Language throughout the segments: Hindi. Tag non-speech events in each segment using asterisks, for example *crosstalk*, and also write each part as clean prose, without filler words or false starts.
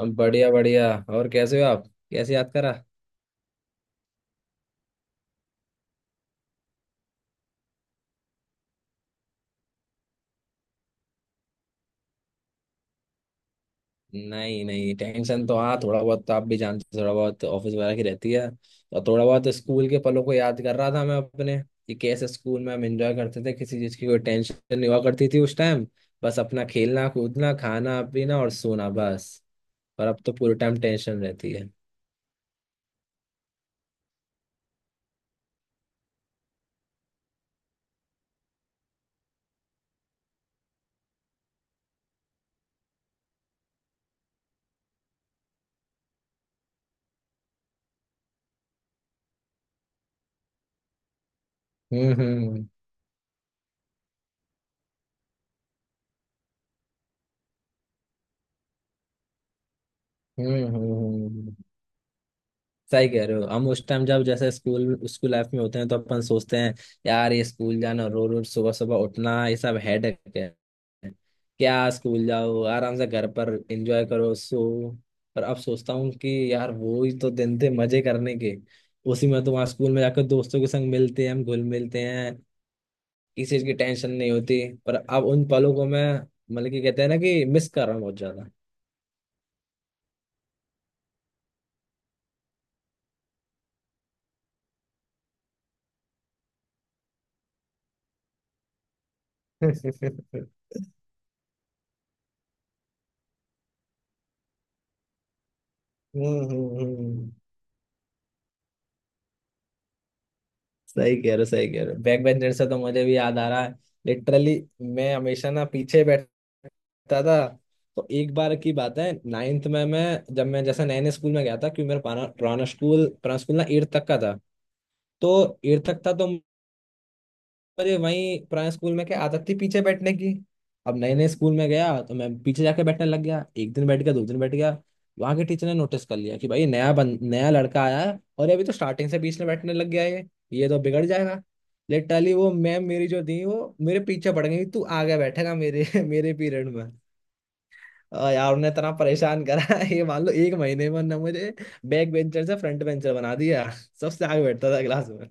अब बढ़िया बढ़िया, और कैसे हो आप। कैसे याद करा? नहीं नहीं, टेंशन तो हाँ थोड़ा बहुत, तो आप भी जानते हो, थोड़ा बहुत ऑफिस वगैरह की रहती है। तो थोड़ा बहुत स्कूल के पलों को याद कर रहा था मैं अपने, कि कैसे स्कूल में हम एंजॉय करते थे, किसी चीज़ की कोई टेंशन नहीं हुआ करती थी उस टाइम। बस अपना खेलना कूदना खाना पीना और सोना बस। और अब तो पूरे टाइम टेंशन रहती है। हम्म हम्म हम्म हम्म हम्म। सही कह रहे हो। हम उस टाइम, जब जैसे स्कूल स्कूल लाइफ में होते हैं तो अपन सोचते हैं, यार ये स्कूल जाना, रोज रोज सुबह सुबह उठना, ये सब हेडेक है। क्या स्कूल जाओ, आराम से घर पर एंजॉय करो, सो। पर अब सोचता हूँ कि यार वो ही तो दिन थे मजे करने के। उसी में तो, वहाँ स्कूल में जाकर दोस्तों के संग मिलते हैं, हम घुल मिलते हैं, किसी चीज की टेंशन नहीं होती। पर अब उन पलों को मैं, मतलब कि कहते हैं ना, कि मिस कर रहा हूँ बहुत ज्यादा। *laughs* हम्म हम्म हम्म। सही कह रहे हो सही कह रहे हो। बैक बेंचर से तो मुझे भी याद आ रहा है, लिटरली। मैं हमेशा ना पीछे बैठता था। तो एक बार की बात है, नाइन्थ में मैं जब मैं जैसे नए नए स्कूल में गया था, क्योंकि मेरा पुराना पुराना स्कूल ना तो एट तक था तो, अरे वही पुराने स्कूल में क्या आदत थी पीछे बैठने की। अब नए नए स्कूल में गया तो मैं पीछे जाके बैठने लग गया, एक दिन बैठ गया, दो दिन बैठ गया, वहां के टीचर ने नोटिस कर लिया कि भाई नया लड़का आया है और ये अभी तो स्टार्टिंग से बीच में बैठने लग गया है, ये तो बिगड़ जाएगा। लिटरली वो मैम मेरी जो थी, वो मेरे पीछे पड़ गई, तू आगे बैठेगा मेरे *laughs* मेरे पीरियड में। और यार उन्हें इतना परेशान करा *laughs* ये मान लो एक महीने में ना मुझे बैक बेंचर से फ्रंट बेंचर बना दिया। सबसे आगे बैठता था क्लास में।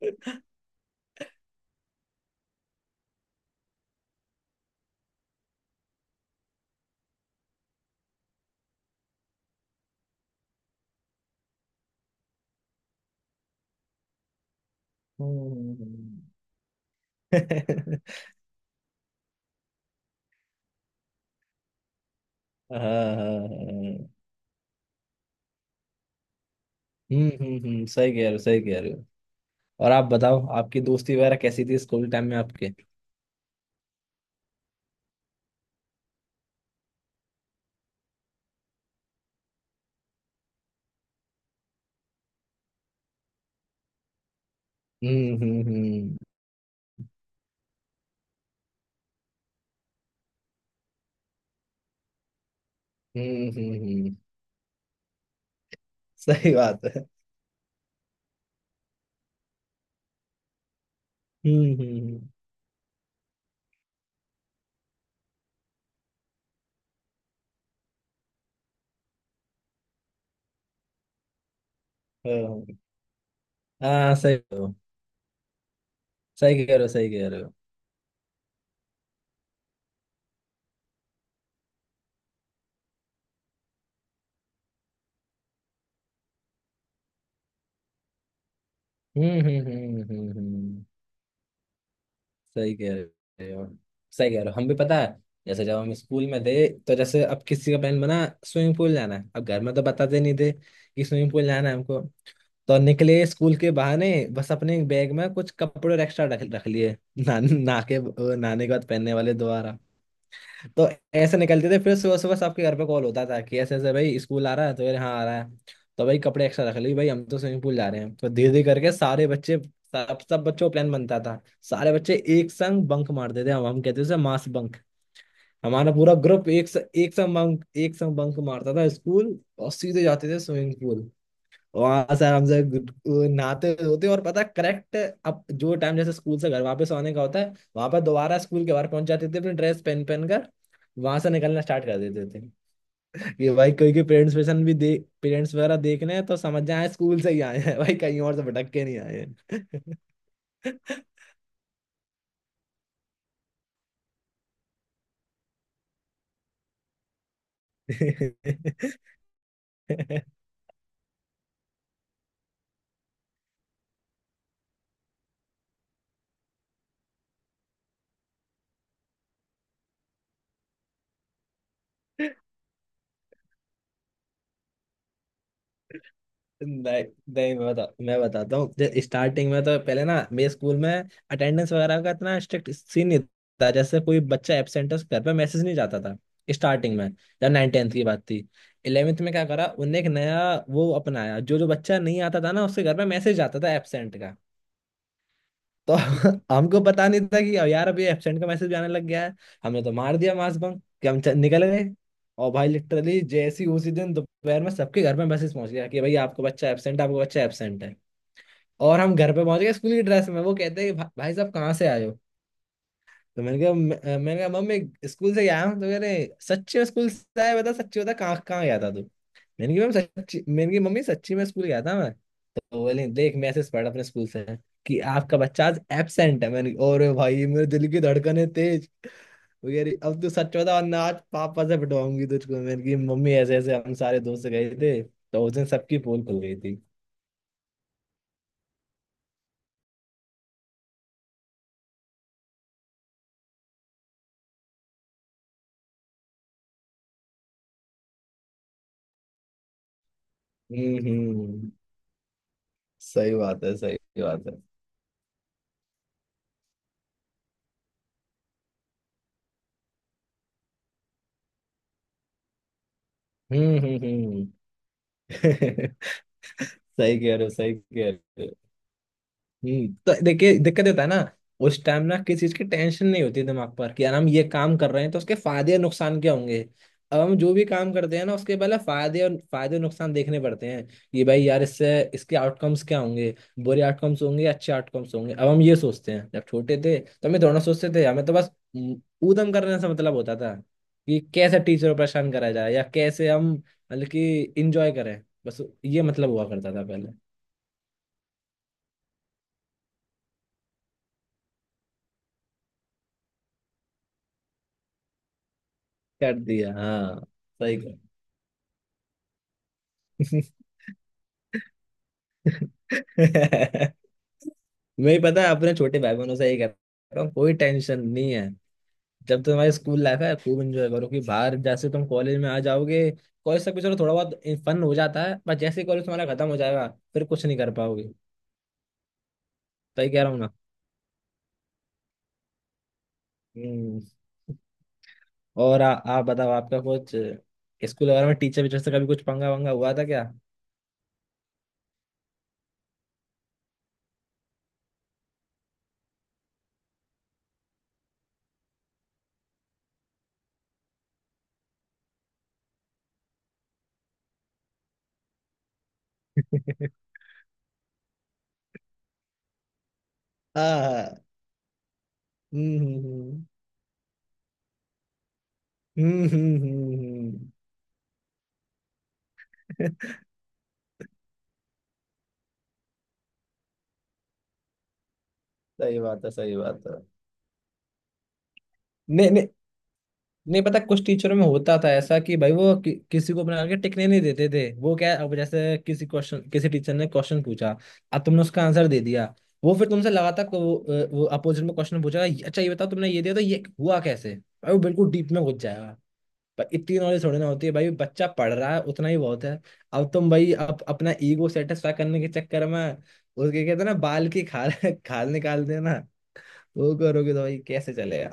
*laughs* हम्म। हाँ हाँ हाँ। हम्म। सही कह रहे हो सही कह रहे हो। और आप बताओ, आपकी दोस्ती वगैरह कैसी थी स्कूल टाइम में आपके? हम्म हम्म हम्म हम्म हम्म हम्म, सही बात है। हम्म हम्म हम्म, हाँ हाँ, हाँ, सही कह रहे हो सही कह रहे हो सही कह रहे हो। सही कह रहे हो सही कह रहे हो। हम भी, पता है, जैसे जब हम स्कूल में थे, तो जैसे अब किसी का प्लान बना, स्विमिंग पूल जाना है। अब घर में तो बताते नहीं थे कि स्विमिंग पूल जाना है हमको। तो निकले स्कूल के बहाने, बस अपने बैग में कुछ कपड़े और एक्स्ट्रा रख रख लिए *laughs* ना के नहाने के बाद पहनने वाले, दोबारा। तो ऐसे निकलते थे। फिर सुबह सुबह सबके घर पे कॉल होता था, कि ऐसे ऐसे भाई स्कूल आ रहा है? तो यार हाँ आ रहा है, तो भाई कपड़े एक्स्ट्रा रख लिए, भाई हम तो स्विमिंग पूल जा रहे हैं। तो धीरे धीरे करके सारे बच्चे, सब सब बच्चों का प्लान बनता था। सारे बच्चे एक संग बंक मारते थे, हम कहते थे उसे मास बंक। हमारा पूरा ग्रुप एक संग बंक मारता था स्कूल, और सीधे जाते थे स्विमिंग पूल। वहां से आराम से नहाते धोते, और पता करेक्ट, अब जो टाइम जैसे स्कूल से घर वापस आने का होता है, वहां पर दोबारा स्कूल के बाहर पहुंच जाते थे अपनी ड्रेस पहन पहन कर। वहां से निकलना स्टार्ट कर देते थे। ये भाई कोई के पेरेंट्स पेशन भी दे, पेरेंट्स वगैरह देख रहे हैं तो समझ जाए स्कूल से ही आए हैं *laughs* भाई कहीं और से भटक के नहीं आए हैं। *laughs* नहीं नहीं, मैं बताता हूँ। स्टार्टिंग में तो पहले ना मेरे स्कूल में अटेंडेंस वगैरह का इतना स्ट्रिक्ट सीन नहीं था। जैसे कोई बच्चा एबसेंट है, उसके घर पे मैसेज नहीं जाता था स्टार्टिंग में। जब नाइन टेंथ की बात थी, इलेवेंथ में क्या करा उनने, एक नया वो अपनाया, जो जो बच्चा नहीं आता था ना, उसके घर पे मैसेज आता था एबसेंट। तो *laughs* हमको पता नहीं था कि अब यार अभी एब्सेंट का मैसेज आने लग गया है। हमने तो मार दिया मास बंक, कि हम निकल गए। और भाई लिटरली जैसी उसी दिन दोपहर में सबके घर में मैसेज पहुंच गया कि भाई आपको बच्चा एब्सेंट है, आपको बच्चा एब्सेंट है। और हम घर पे पहुंच गए स्कूल की ड्रेस में, वो कहते हैं कि भाई साहब कहाँ से आए हो? तो मैंने कहा, मैंने कहा मम्मी स्कूल से गया हूँ। तो कह रहे, सच्ची में स्कूल से आया? बता सच्ची, बता कहाँ कहाँ गया था तू? मैंने कहा मैम सच्ची, मैंने कहा मम्मी सच्ची में स्कूल गया था मैं। तो बोले, देख मैसेज पड़ा अपने स्कूल से कि आपका बच्चा आज एबसेंट है। मैंने कहा, और भाई मेरे दिल की धड़कनें तेज। वो कह रही, अब तू सच बता वरना आज पापा से पिटवाऊंगी तुझको। मैंने कहा मम्मी ऐसे ऐसे हम सारे दोस्त गए थे। तो उस दिन सबकी पोल खुल गई थी। हम्म, सही बात है सही बात है। हम्म। *laughs* सही कह रहे हो सही कह रहे हो। तो देखिए दिक्कत ये होता है ना, उस टाइम ना किसी चीज की टेंशन नहीं होती दिमाग पर, कि यार हम ये काम कर रहे हैं तो उसके फायदे और नुकसान क्या होंगे। अब हम जो भी काम करते हैं ना, उसके पहले फायदे और नुकसान देखने पड़ते हैं, कि भाई यार इससे इसके आउटकम्स क्या होंगे, बुरे आउटकम्स होंगे, अच्छे आउटकम्स होंगे। अब हम ये सोचते हैं, जब छोटे थे तो हम ये दोनों सोचते थे, हमें तो बस, हम्म, ऊधम करने से मतलब होता था, कि कैसे टीचर को परेशान करा जाए, या कैसे हम मतलब कि इंजॉय करें। बस ये मतलब हुआ करता था पहले। कर दिया, हाँ। सही। *laughs* मैं ही पता है, अपने छोटे भाई बहनों से यही कहता हूँ, कोई टेंशन नहीं है। जब तुम्हारी स्कूल लाइफ है खूब एंजॉय करो, कि बाहर जैसे तुम कॉलेज में आ जाओगे, कॉलेज तक भी चलो थोड़ा बहुत फन हो जाता है, बस जैसे ही कॉलेज तुम्हारा खत्म हो जाएगा, फिर कुछ नहीं कर पाओगे। तो ये कह रहा हूँ ना। हम्म। और आप बताओ, आपका कुछ स्कूल वगैरह में टीचर वीचर से कभी कुछ पंगा वंगा हुआ था क्या? *laughs* हाँ। हम्म हम्म हम्म। *laughs* सही बात है सही बात है। नहीं नहीं। नहीं पता, कुछ टीचरों में होता था ऐसा कि भाई वो किसी को बना के टिकने नहीं देते थे। वो क्या है, अब जैसे किसी क्वेश्चन, किसी टीचर ने क्वेश्चन पूछा, अब तुमने उसका आंसर दे दिया, वो फिर तुमसे लगातार वो अपोजिट में क्वेश्चन पूछेगा, अच्छा ये बताओ, तुमने ये दिया तो ये हुआ कैसे भाई, वो बिल्कुल डीप में घुस जाएगा। पर इतनी नॉलेज थोड़ी ना होती है भाई, बच्चा पढ़ रहा है उतना ही बहुत है। अब तुम भाई अपना ईगो सेटिस्फाई करने के चक्कर में उसके, कहते हैं ना बाल की खाल *laughs* खाल निकाल देना, वो करोगे तो भाई कैसे चलेगा।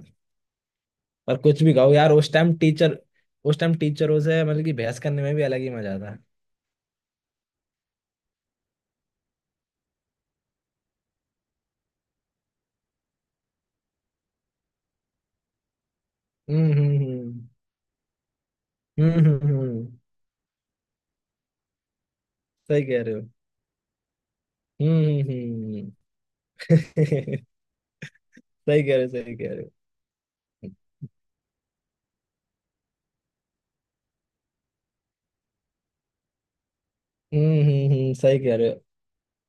पर कुछ भी गाओ यार, उस टाइम टीचरों से मतलब कि बहस करने में भी अलग ही मजा था। हम्म हम्म हम्म हम्म हम्म हम्म, सही कह रहे हो। हम्म हम्म हम्म। *laughs* सही कह रहे हो सही कह रहे हो। सही कह रहे हो।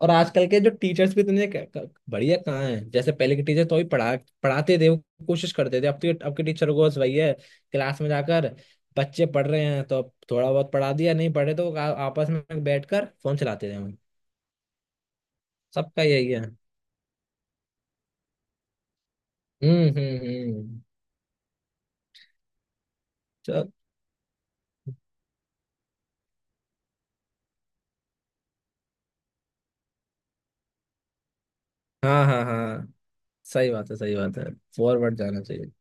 और आजकल के जो टीचर्स भी, इतने बढ़िया कहाँ हैं? जैसे पहले के टीचर तो ही पढ़ाते थे, वो कोशिश करते थे। अब तो, अब के टीचरों को बस वही है, क्लास में जाकर बच्चे पढ़ रहे हैं तो अब थोड़ा बहुत पढ़ा दिया, नहीं पढ़े तो आपस में बैठकर फोन चलाते थे हम। सबका यही है। हम्म। चल। हाँ हाँ हाँ। सही बात है सही बात है। फॉरवर्ड जाना चाहिए।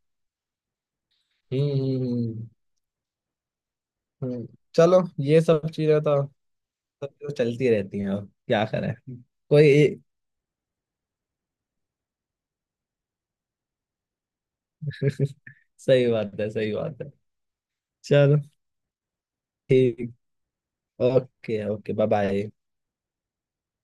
हम्म हम्म हम्म हम्म। चलो ये सब चीजें तो, सब चीजें चलती रहती हैं, अब क्या करें। कोई। *laughs* सही बात है सही बात है। चलो, ठीक। Okay okay, bye bye.